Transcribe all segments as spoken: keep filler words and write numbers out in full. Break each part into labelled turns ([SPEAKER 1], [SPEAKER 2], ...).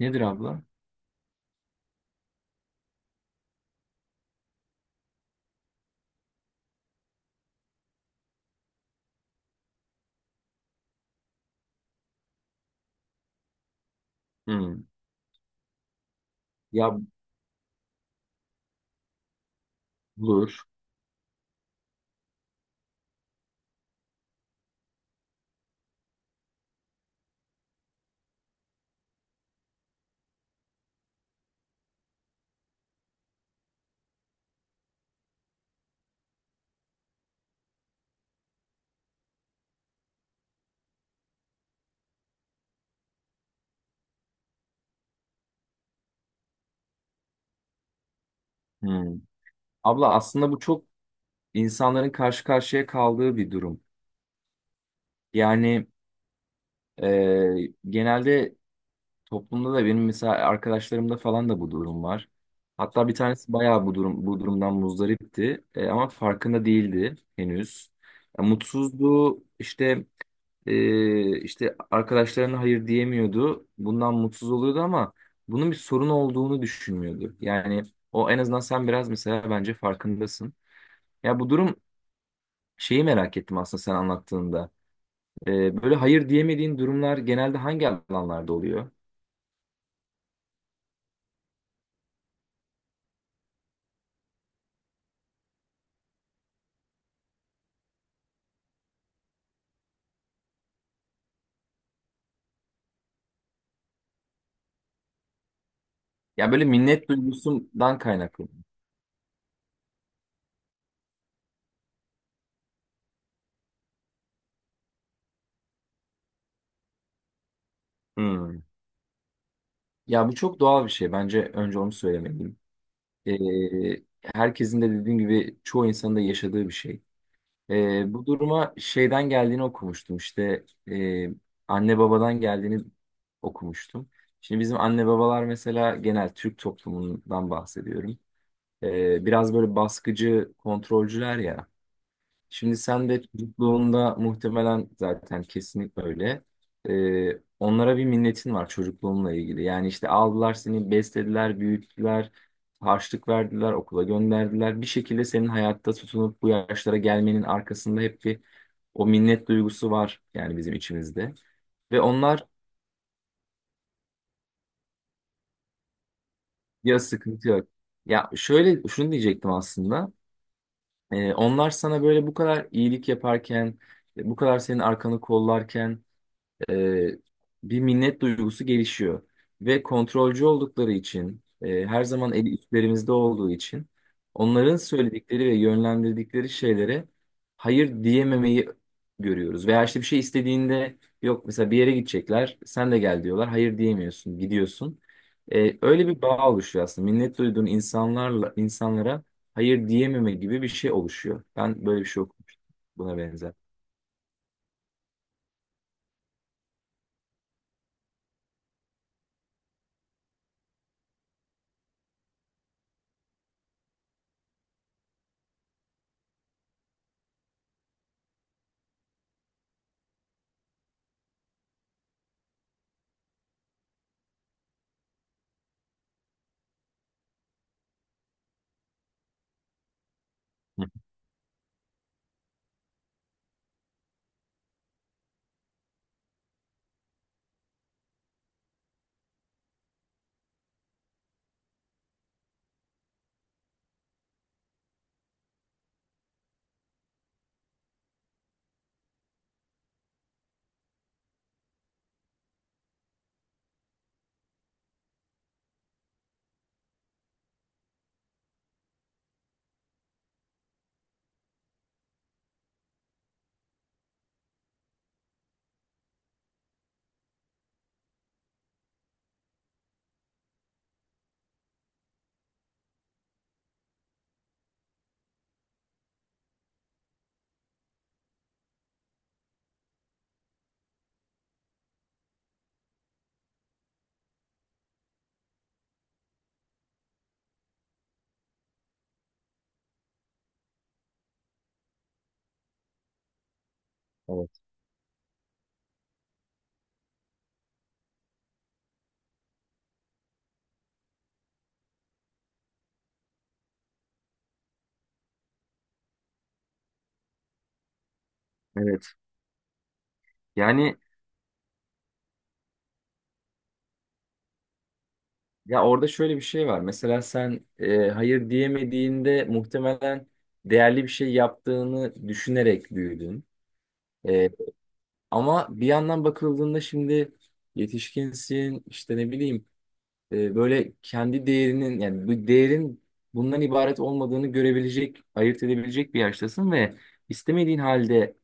[SPEAKER 1] Nedir abla? Hmm. Ya bulur. Hmm. Abla aslında bu çok insanların karşı karşıya kaldığı bir durum. Yani e, genelde toplumda da benim mesela arkadaşlarımda falan da bu durum var. Hatta bir tanesi bayağı bu durum bu durumdan muzdaripti. E, ama farkında değildi henüz. Ya, mutsuzdu işte. Ee, işte arkadaşlarına hayır diyemiyordu. Bundan mutsuz oluyordu ama bunun bir sorun olduğunu düşünmüyordu. Yani o en azından sen biraz mesela bence farkındasın. Ya bu durum şeyi merak ettim aslında sen anlattığında. Ee, böyle hayır diyemediğin durumlar genelde hangi alanlarda oluyor? Ya böyle minnet duygusundan kaynaklı. Hmm. Ya bu çok doğal bir şey. Bence önce onu söylemeliyim. Ee, Herkesin de dediğim gibi çoğu insanın da yaşadığı bir şey. Ee, bu duruma şeyden geldiğini okumuştum, İşte e, anne babadan geldiğini okumuştum. Şimdi bizim anne babalar mesela genel Türk toplumundan bahsediyorum. Ee, biraz böyle baskıcı, kontrolcüler ya. Şimdi sen de çocukluğunda muhtemelen zaten kesinlikle öyle. Ee, onlara bir minnetin var çocukluğunla ilgili. Yani işte aldılar seni, beslediler, büyüttüler, harçlık verdiler, okula gönderdiler. Bir şekilde senin hayatta tutunup bu yaşlara gelmenin arkasında hep bir o minnet duygusu var yani bizim içimizde. Ve onlar ya, sıkıntı yok. Ya şöyle şunu diyecektim aslında. Ee, onlar sana böyle bu kadar iyilik yaparken, bu kadar senin arkanı kollarken e, bir minnet duygusu gelişiyor. Ve kontrolcü oldukları için, e, her zaman eli üstlerimizde olduğu için onların söyledikleri ve yönlendirdikleri şeylere hayır diyememeyi görüyoruz. Veya işte bir şey istediğinde yok mesela bir yere gidecekler, sen de gel diyorlar, hayır diyemiyorsun, gidiyorsun. E, öyle bir bağ oluşuyor aslında. Minnet duyduğun insanlarla insanlara hayır diyememe gibi bir şey oluşuyor. Ben böyle bir şey okumuştum buna benzer. Hı. Evet. Evet. Yani. Ya orada şöyle bir şey var. Mesela sen e, hayır diyemediğinde muhtemelen değerli bir şey yaptığını düşünerek büyüdün. E, Ama bir yandan bakıldığında şimdi yetişkinsin, işte ne bileyim, e, böyle kendi değerinin yani bu değerin bundan ibaret olmadığını görebilecek, ayırt edebilecek bir yaştasın ve istemediğin halde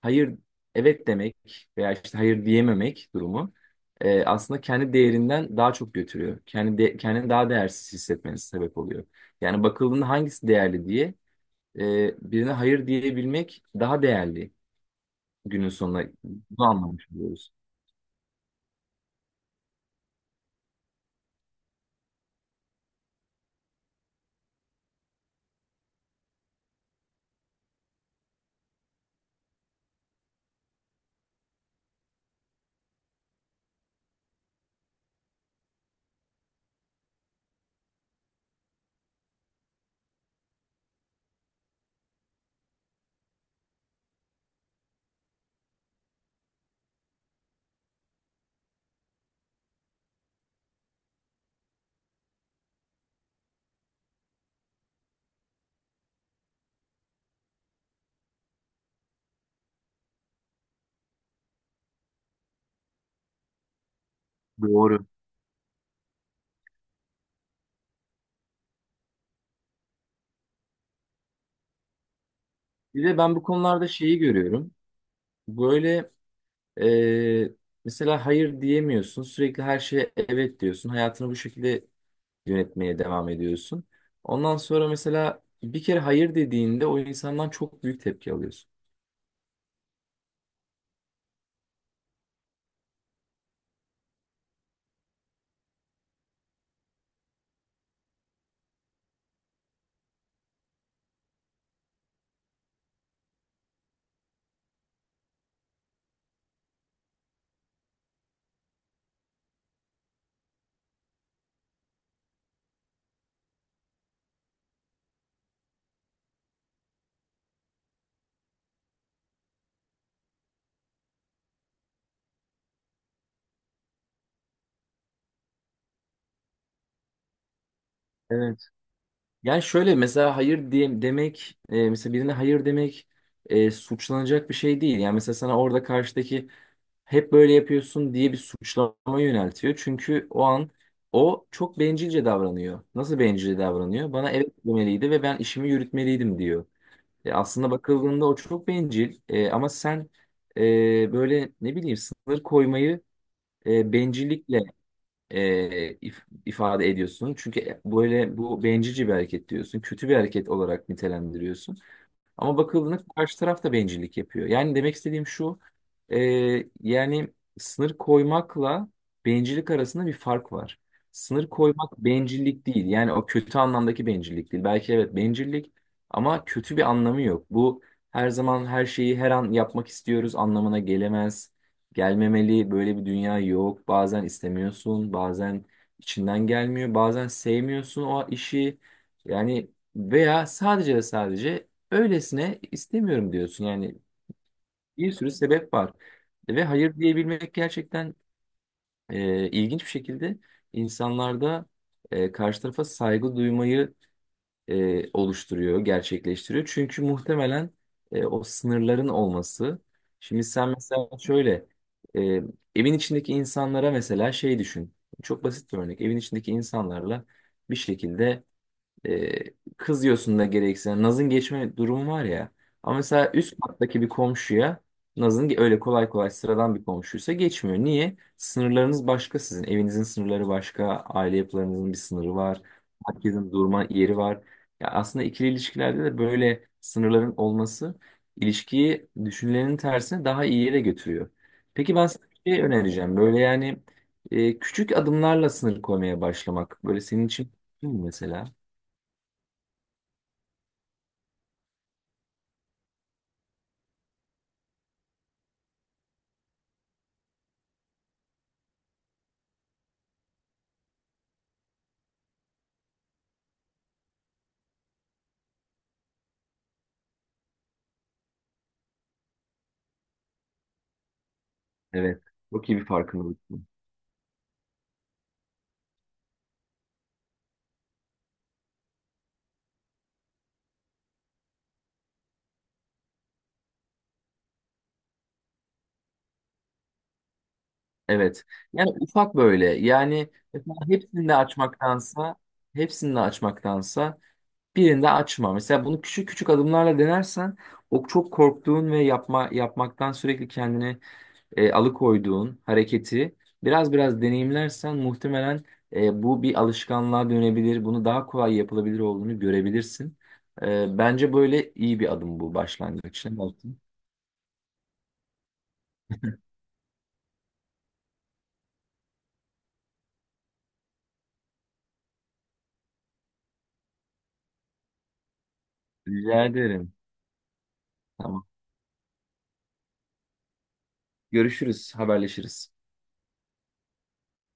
[SPEAKER 1] hayır evet demek veya işte hayır diyememek durumu e, aslında kendi değerinden daha çok götürüyor. Kendi de, kendini daha değersiz hissetmeniz sebep oluyor. Yani bakıldığında hangisi değerli diye, e, birine hayır diyebilmek daha değerli, günün sonunda bunu anlamış oluyoruz. Doğru. Bir de ben bu konularda şeyi görüyorum. Böyle, e, mesela hayır diyemiyorsun. Sürekli her şeye evet diyorsun. Hayatını bu şekilde yönetmeye devam ediyorsun. Ondan sonra mesela bir kere hayır dediğinde o insandan çok büyük tepki alıyorsun. Evet. Yani şöyle, mesela hayır diye demek, e, mesela birine hayır demek, e, suçlanacak bir şey değil. Yani mesela sana orada karşıdaki hep böyle yapıyorsun diye bir suçlama yöneltiyor. Çünkü o an o çok bencilce davranıyor. Nasıl bencilce davranıyor? Bana evet demeliydi ve ben işimi yürütmeliydim diyor. E, aslında bakıldığında o çok bencil. E, ama sen, e, böyle ne bileyim, sınır koymayı, e, bencillikle, e, if- ifade ediyorsun. Çünkü, e, böyle bu bencilce bir hareket diyorsun. Kötü bir hareket olarak nitelendiriyorsun. Ama bakıldığında karşı taraf da bencillik yapıyor. Yani demek istediğim şu, e, yani sınır koymakla bencillik arasında bir fark var. Sınır koymak bencillik değil. Yani o kötü anlamdaki bencillik değil. Belki evet bencillik, ama kötü bir anlamı yok. Bu, her zaman her şeyi her an yapmak istiyoruz anlamına gelemez. Gelmemeli. Böyle bir dünya yok. Bazen istemiyorsun, bazen içinden gelmiyor, bazen sevmiyorsun o işi. Yani, veya sadece ve sadece öylesine istemiyorum diyorsun. Yani bir sürü sebep var. Ve hayır diyebilmek gerçekten, e, ilginç bir şekilde insanlarda, e, karşı tarafa saygı duymayı, e, oluşturuyor, gerçekleştiriyor. Çünkü muhtemelen, e, o sınırların olması. Şimdi sen mesela şöyle, e, evin içindeki insanlara mesela şey düşün. Çok basit bir örnek. Evin içindeki insanlarla bir şekilde, e, kızıyorsun da gerekirse. Naz'ın geçme durumu var ya. Ama mesela üst kattaki bir komşuya Naz'ın ge- öyle kolay kolay, sıradan bir komşuysa geçmiyor. Niye? Sınırlarınız başka sizin. Evinizin sınırları başka. Aile yapılarınızın bir sınırı var. Herkesin durma yeri var. Ya aslında ikili ilişkilerde de böyle sınırların olması, ilişkiyi düşünülenin tersine daha iyi yere götürüyor. Peki ben sana bir şey önereceğim. Böyle yani, e, küçük adımlarla sınır koymaya başlamak, böyle senin için mümkün mü mesela? Evet. Çok iyi bir farkındalık. bu. Evet. Yani ufak böyle. Yani mesela hepsini de açmaktansa hepsini de açmaktansa birini de açma. Mesela bunu küçük küçük adımlarla denersen, o çok korktuğun ve yapma yapmaktan sürekli kendini e, alıkoyduğun hareketi biraz biraz deneyimlersen muhtemelen, e, bu bir alışkanlığa dönebilir. Bunu daha kolay yapılabilir olduğunu görebilirsin. E, bence böyle iyi bir adım bu başlangıç. Ne Rica ederim. Tamam. Görüşürüz, haberleşiriz.